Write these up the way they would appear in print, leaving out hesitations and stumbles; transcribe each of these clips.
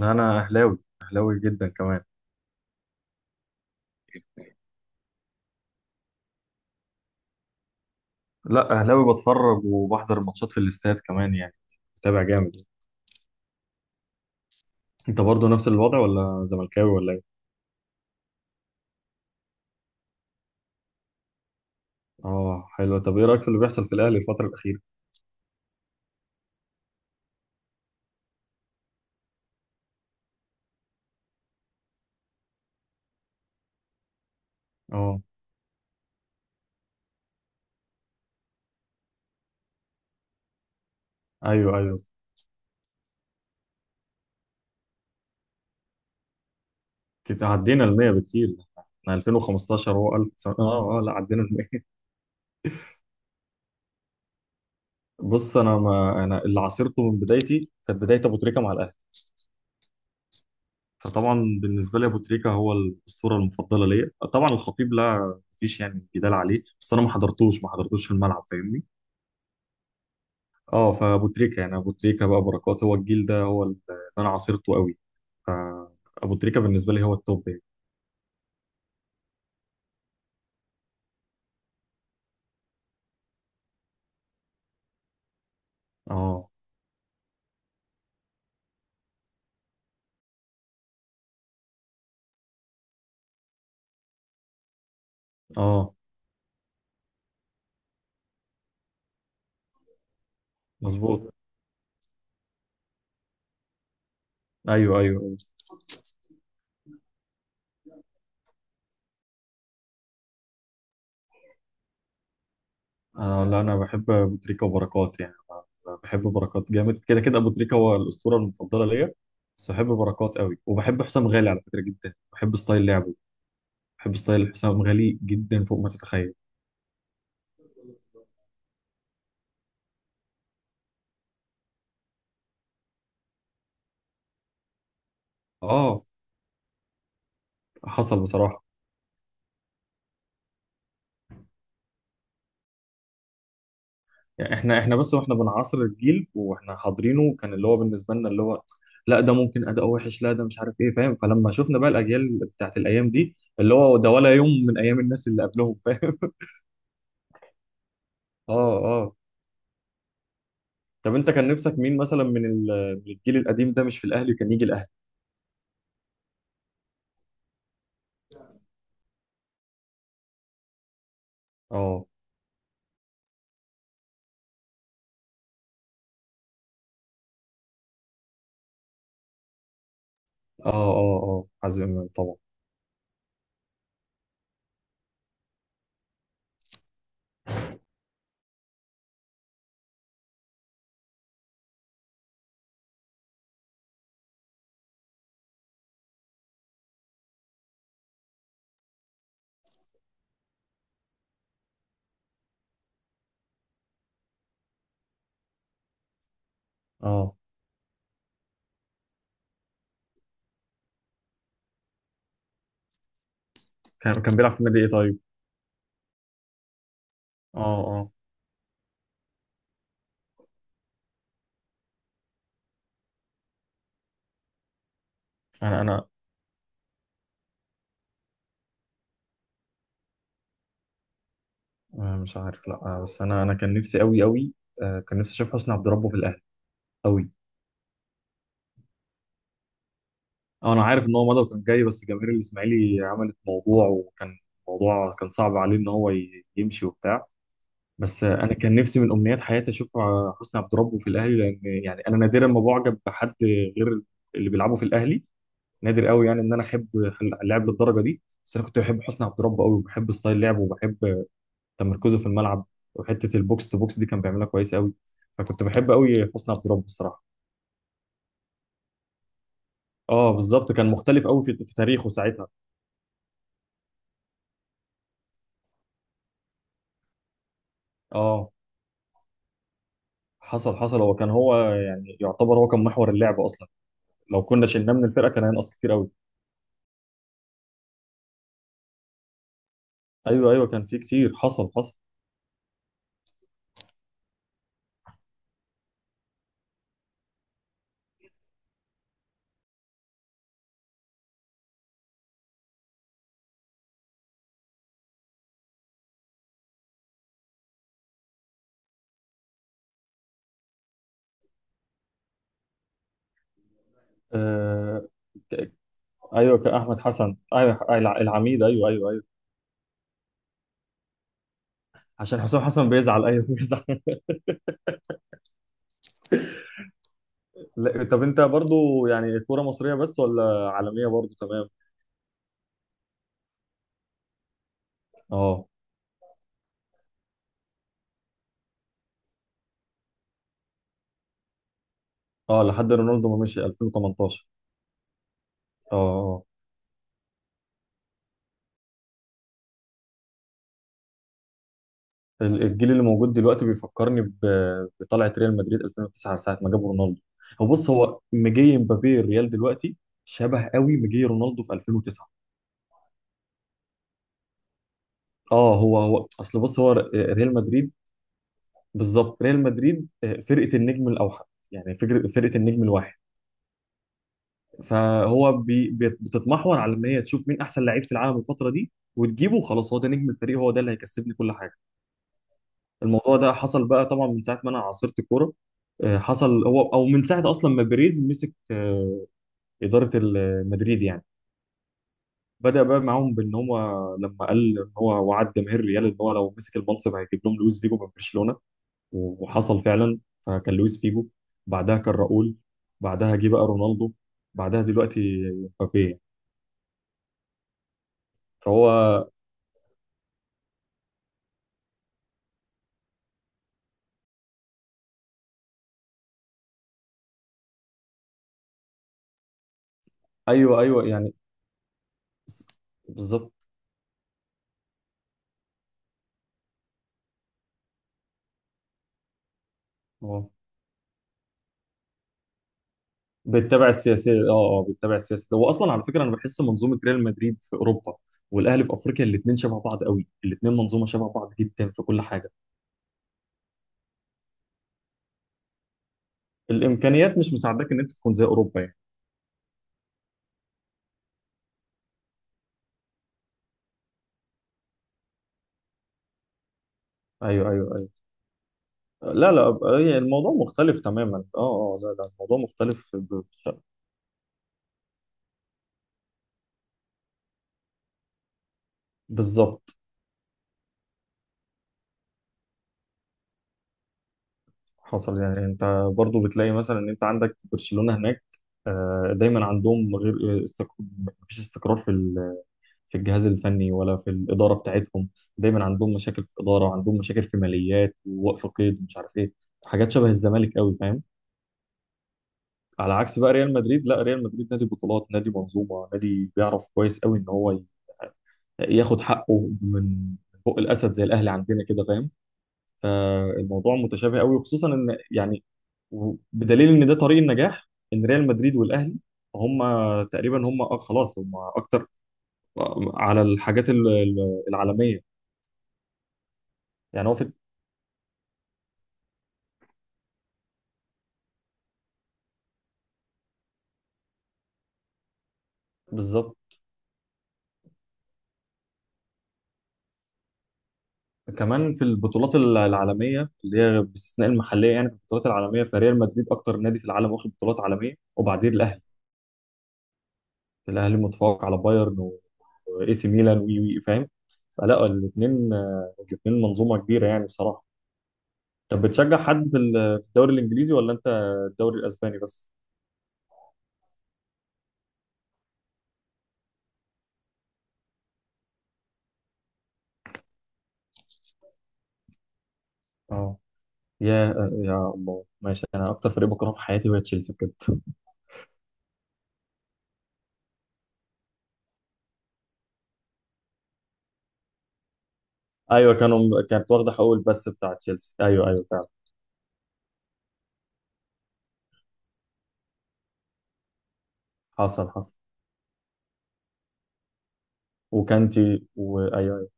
انا اهلاوي اهلاوي جدا كمان. لا، اهلاوي بتفرج وبحضر الماتشات في الاستاد كمان يعني. متابع جامد. انت برضو نفس الوضع ولا زملكاوي ولا ايه؟ اه حلو. طب ايه رايك في اللي بيحصل في الاهلي الفتره الاخيره؟ اه، ايوه ايوه، كده عدينا ال 100 بكتير. احنا 2015 هو 1000، لا، عدينا ال 100. بص، انا ما انا اللي عاصرته من بدايتي كانت بدايه ابو تريكه مع الاهلي. فطبعا بالنسبه لي ابو تريكه هو الاسطوره المفضله ليا. طبعا الخطيب، لا مفيش يعني جدال عليه، بس انا ما حضرتوش في الملعب فاهمني. اه، فابو تريكه يعني، ابو تريكه بقى، بركات، هو الجيل ده هو اللي انا عاصرته قوي. فابو تريكه بالنسبه لي هو التوب يعني. اه، اه، مظبوط. ايوه ايوه ايوه. آه لا، انا بحب ابو تريكه وبركات يعني. أنا بحب بركات جامد كده كده، ابو تريكه هو الاسطوره المفضله ليا، بس بحب بركات قوي، وبحب حسام غالي على فكره، جدا بحب ستايل لعبه. بحب ستايل حسام غالي جدا فوق ما تتخيل. اه، حصل بصراحه. يعني احنا بس واحنا بنعاصر الجيل واحنا حاضرينه كان اللي هو بالنسبه لنا اللي هو، لا ده ممكن اداء وحش، لا ده مش عارف ايه فاهم. فلما شفنا بقى الاجيال بتاعت الايام دي اللي هو ده ولا يوم من ايام الناس اللي قبلهم فاهم. اه، اه. طب انت كان نفسك مين مثلا من الجيل القديم ده، مش في الاهلي كان يجي الاهلي؟ اه اه اه اه، حازم امام طبعا. اه، كان بيلعب في النادي ايه طيب؟ اه اه، انا مش عارف. لا، بس انا كان نفسي قوي قوي. كان نفسي اشوف حسني عبد ربه في الاهلي قوي. اه، انا عارف ان هو مضى وكان جاي، بس جماهير الاسماعيلي عملت موضوع، وكان موضوع كان صعب عليه ان هو يمشي وبتاع. بس انا كان نفسي من امنيات حياتي اشوف حسني عبد ربه في الاهلي، لان يعني انا نادرا ما بعجب بحد غير اللي بيلعبوا في الاهلي. نادر قوي يعني ان انا احب اللاعب للدرجه دي، بس انا كنت بحب حسني عبد ربه قوي، وبحب ستايل لعبه، وبحب تمركزه في الملعب. وحته البوكس تو بوكس دي كان بيعملها كويس قوي. فكنت بحب قوي حسني عبد ربه الصراحه. اه بالظبط، كان مختلف قوي في تاريخه ساعتها. اه، حصل حصل، هو كان هو يعني يعتبر هو كان محور اللعب اصلا. لو كنا شلناه من الفرقه كان هينقص كتير قوي. ايوه ايوه، كان في كتير، حصل حصل. آه ك- ايوه كان احمد حسن، ايوه العميد، ايوه ايوه ايوه. عشان حسام حسن بيزعل، ايوه بيزعل. لا، طب انت برضو يعني كوره مصريه بس ولا عالميه برضو تمام؟ اه اه، لحد رونالدو ما مشي 2018. اه، الجيل اللي موجود دلوقتي بيفكرني بطلعه ريال مدريد 2009 ساعه ما جابوا رونالدو. هو بص هو مجي مبابي الريال دلوقتي شبه قوي مجي رونالدو في 2009. اه، هو اصل بص هو ريال مدريد، بالظبط ريال مدريد، فرقه النجم الاوحد. يعني فكرة فرقه النجم الواحد. فهو بتتمحور على ان هي تشوف مين احسن لعيب في العالم الفتره دي وتجيبه، خلاص هو ده نجم الفريق، هو ده اللي هيكسبني كل حاجه. الموضوع ده حصل بقى طبعا من ساعه ما انا عاصرت الكوره. حصل هو، او من ساعه اصلا ما بيريز مسك اداره مدريد يعني. بدا بقى معاهم بان هو لما قال ان هو وعد جماهير ريال ان هو لو مسك المنصب هيجيب لهم لويس فيجو من برشلونه. وحصل فعلا، فكان لويس فيجو. بعدها كان راؤول. بعدها جه بقى رونالدو. بعدها دلوقتي مبابي يعني. فهو، ايوه ايوه يعني، بالظبط. بتتابع السياسه اه. اه، بتتابع السياسه. هو اصلا على فكره انا بحس منظومه ريال مدريد في اوروبا والاهلي في افريقيا الاثنين شبه بعض قوي، الاثنين منظومه شبه بعض جدا في كل حاجه. الامكانيات مش مساعداك ان انت تكون زي اوروبا يعني. ايوه ايوه ايوه. لا لا، هي الموضوع مختلف تماما، اه اه، لا لا الموضوع مختلف بالظبط. حصل يعني انت برضو بتلاقي مثلا ان انت عندك برشلونه هناك، دايما عندهم غير استقرار. مفيش استقرار في الجهاز الفني ولا في الإدارة بتاعتهم. دايما عندهم مشاكل في الإدارة وعندهم مشاكل في ماليات ووقف قيد ومش عارف إيه، حاجات شبه الزمالك قوي فاهم. على عكس بقى ريال مدريد، لا ريال مدريد نادي بطولات، نادي منظومة، نادي بيعرف كويس قوي إن هو ياخد حقه من بق الأسد زي الأهلي عندنا كده فاهم. فالموضوع متشابه قوي وخصوصا إن يعني بدليل إن ده طريق النجاح، إن ريال مدريد والأهلي هم تقريبا هم خلاص هم أكتر. على الحاجات العالمية. يعني هو في، بالظبط. كمان في البطولات العالميه اللي هي باستثناء المحليه، يعني في البطولات العالميه فريال مدريد اكتر نادي في العالم واخد بطولات عالميه، وبعدين الاهلي، الاهلي متفوق على بايرن واي سي ميلان وي فاهم. فلا الاثنين، الاثنين منظومه كبيره يعني بصراحه. طب بتشجع حد في في الدوري الانجليزي ولا انت الدوري الاسباني بس؟ اه. يا يا الله ماشي، انا اكتر فريق بكرهه في حياتي هو تشيلسي بجد. ايوه كانوا، كانت واخده حقوق البث بتاع تشيلسي ايوه ايوه فعلا. حصل حصل. وكانتي وايوه.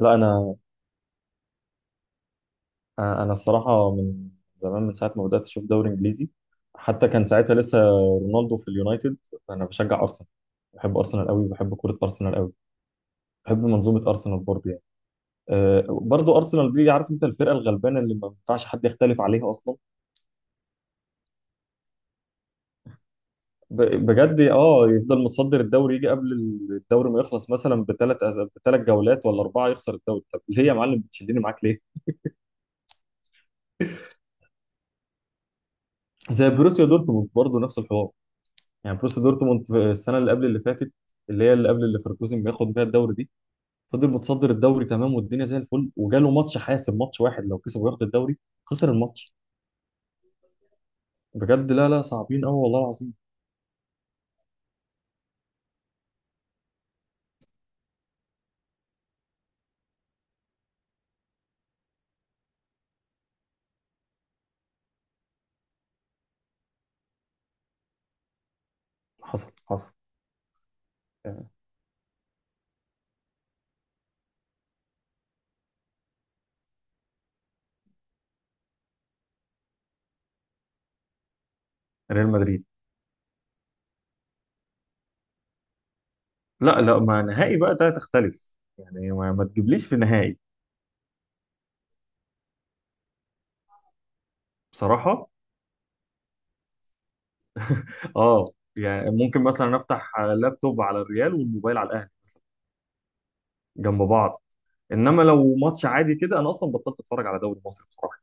لا، انا الصراحه من زمان، من ساعه ما بدات اشوف دوري انجليزي حتى كان ساعتها لسه رونالدو في اليونايتد، انا بشجع ارسنال. بحب ارسنال قوي، بحب كره ارسنال قوي. بحب منظومه ارسنال برضه يعني. أه برضه ارسنال دي عارف انت الفرقه الغلبانه اللي ما ينفعش حد يختلف عليها اصلا. ب- بجد اه، يفضل متصدر الدوري، يجي قبل الدوري ما يخلص مثلا بثلاث جولات ولا اربعه يخسر الدوري. طب ليه يا معلم بتشدني معاك ليه؟ زي بروسيا دورتموند برضه نفس الحوار. يعني بروسيا دورتموند في السنه اللي قبل اللي فاتت اللي هي اللي قبل اللي ليفركوزن بياخد بيها الدوري دي، فضل متصدر الدوري تمام والدنيا زي الفل، وجاله ماتش حاسم، ماتش واحد لو كسب وياخد الدوري، خسر الماتش. بجد لا لا صعبين قوي والله العظيم. حصل حصل. آه، ريال مدريد. لا لا، ما نهائي بقى ده تختلف يعني، ما تجيبليش في نهائي. بصراحه اه، يعني ممكن مثلا افتح لابتوب على الريال والموبايل على الاهلي جنب بعض. انما لو ماتش عادي كده انا اصلا بطلت اتفرج على دوري مصر بصراحه.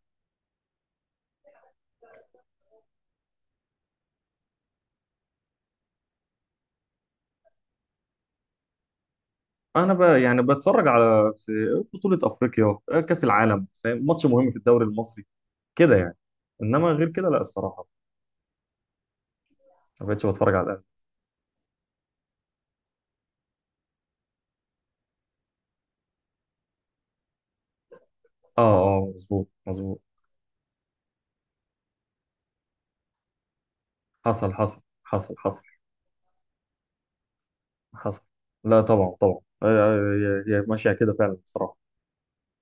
انا بقى يعني بتفرج على في بطولة افريقيا، كأس العالم فاهم، ماتش مهم في الدوري المصري كده يعني، انما غير كده لا الصراحة ما بقتش بتفرج على الاهلي. اه اه، مظبوط مظبوط. حصل حصل حصل حصل حصل. لا طبعا طبعا، هي هي ماشية كده فعلا الصراحة.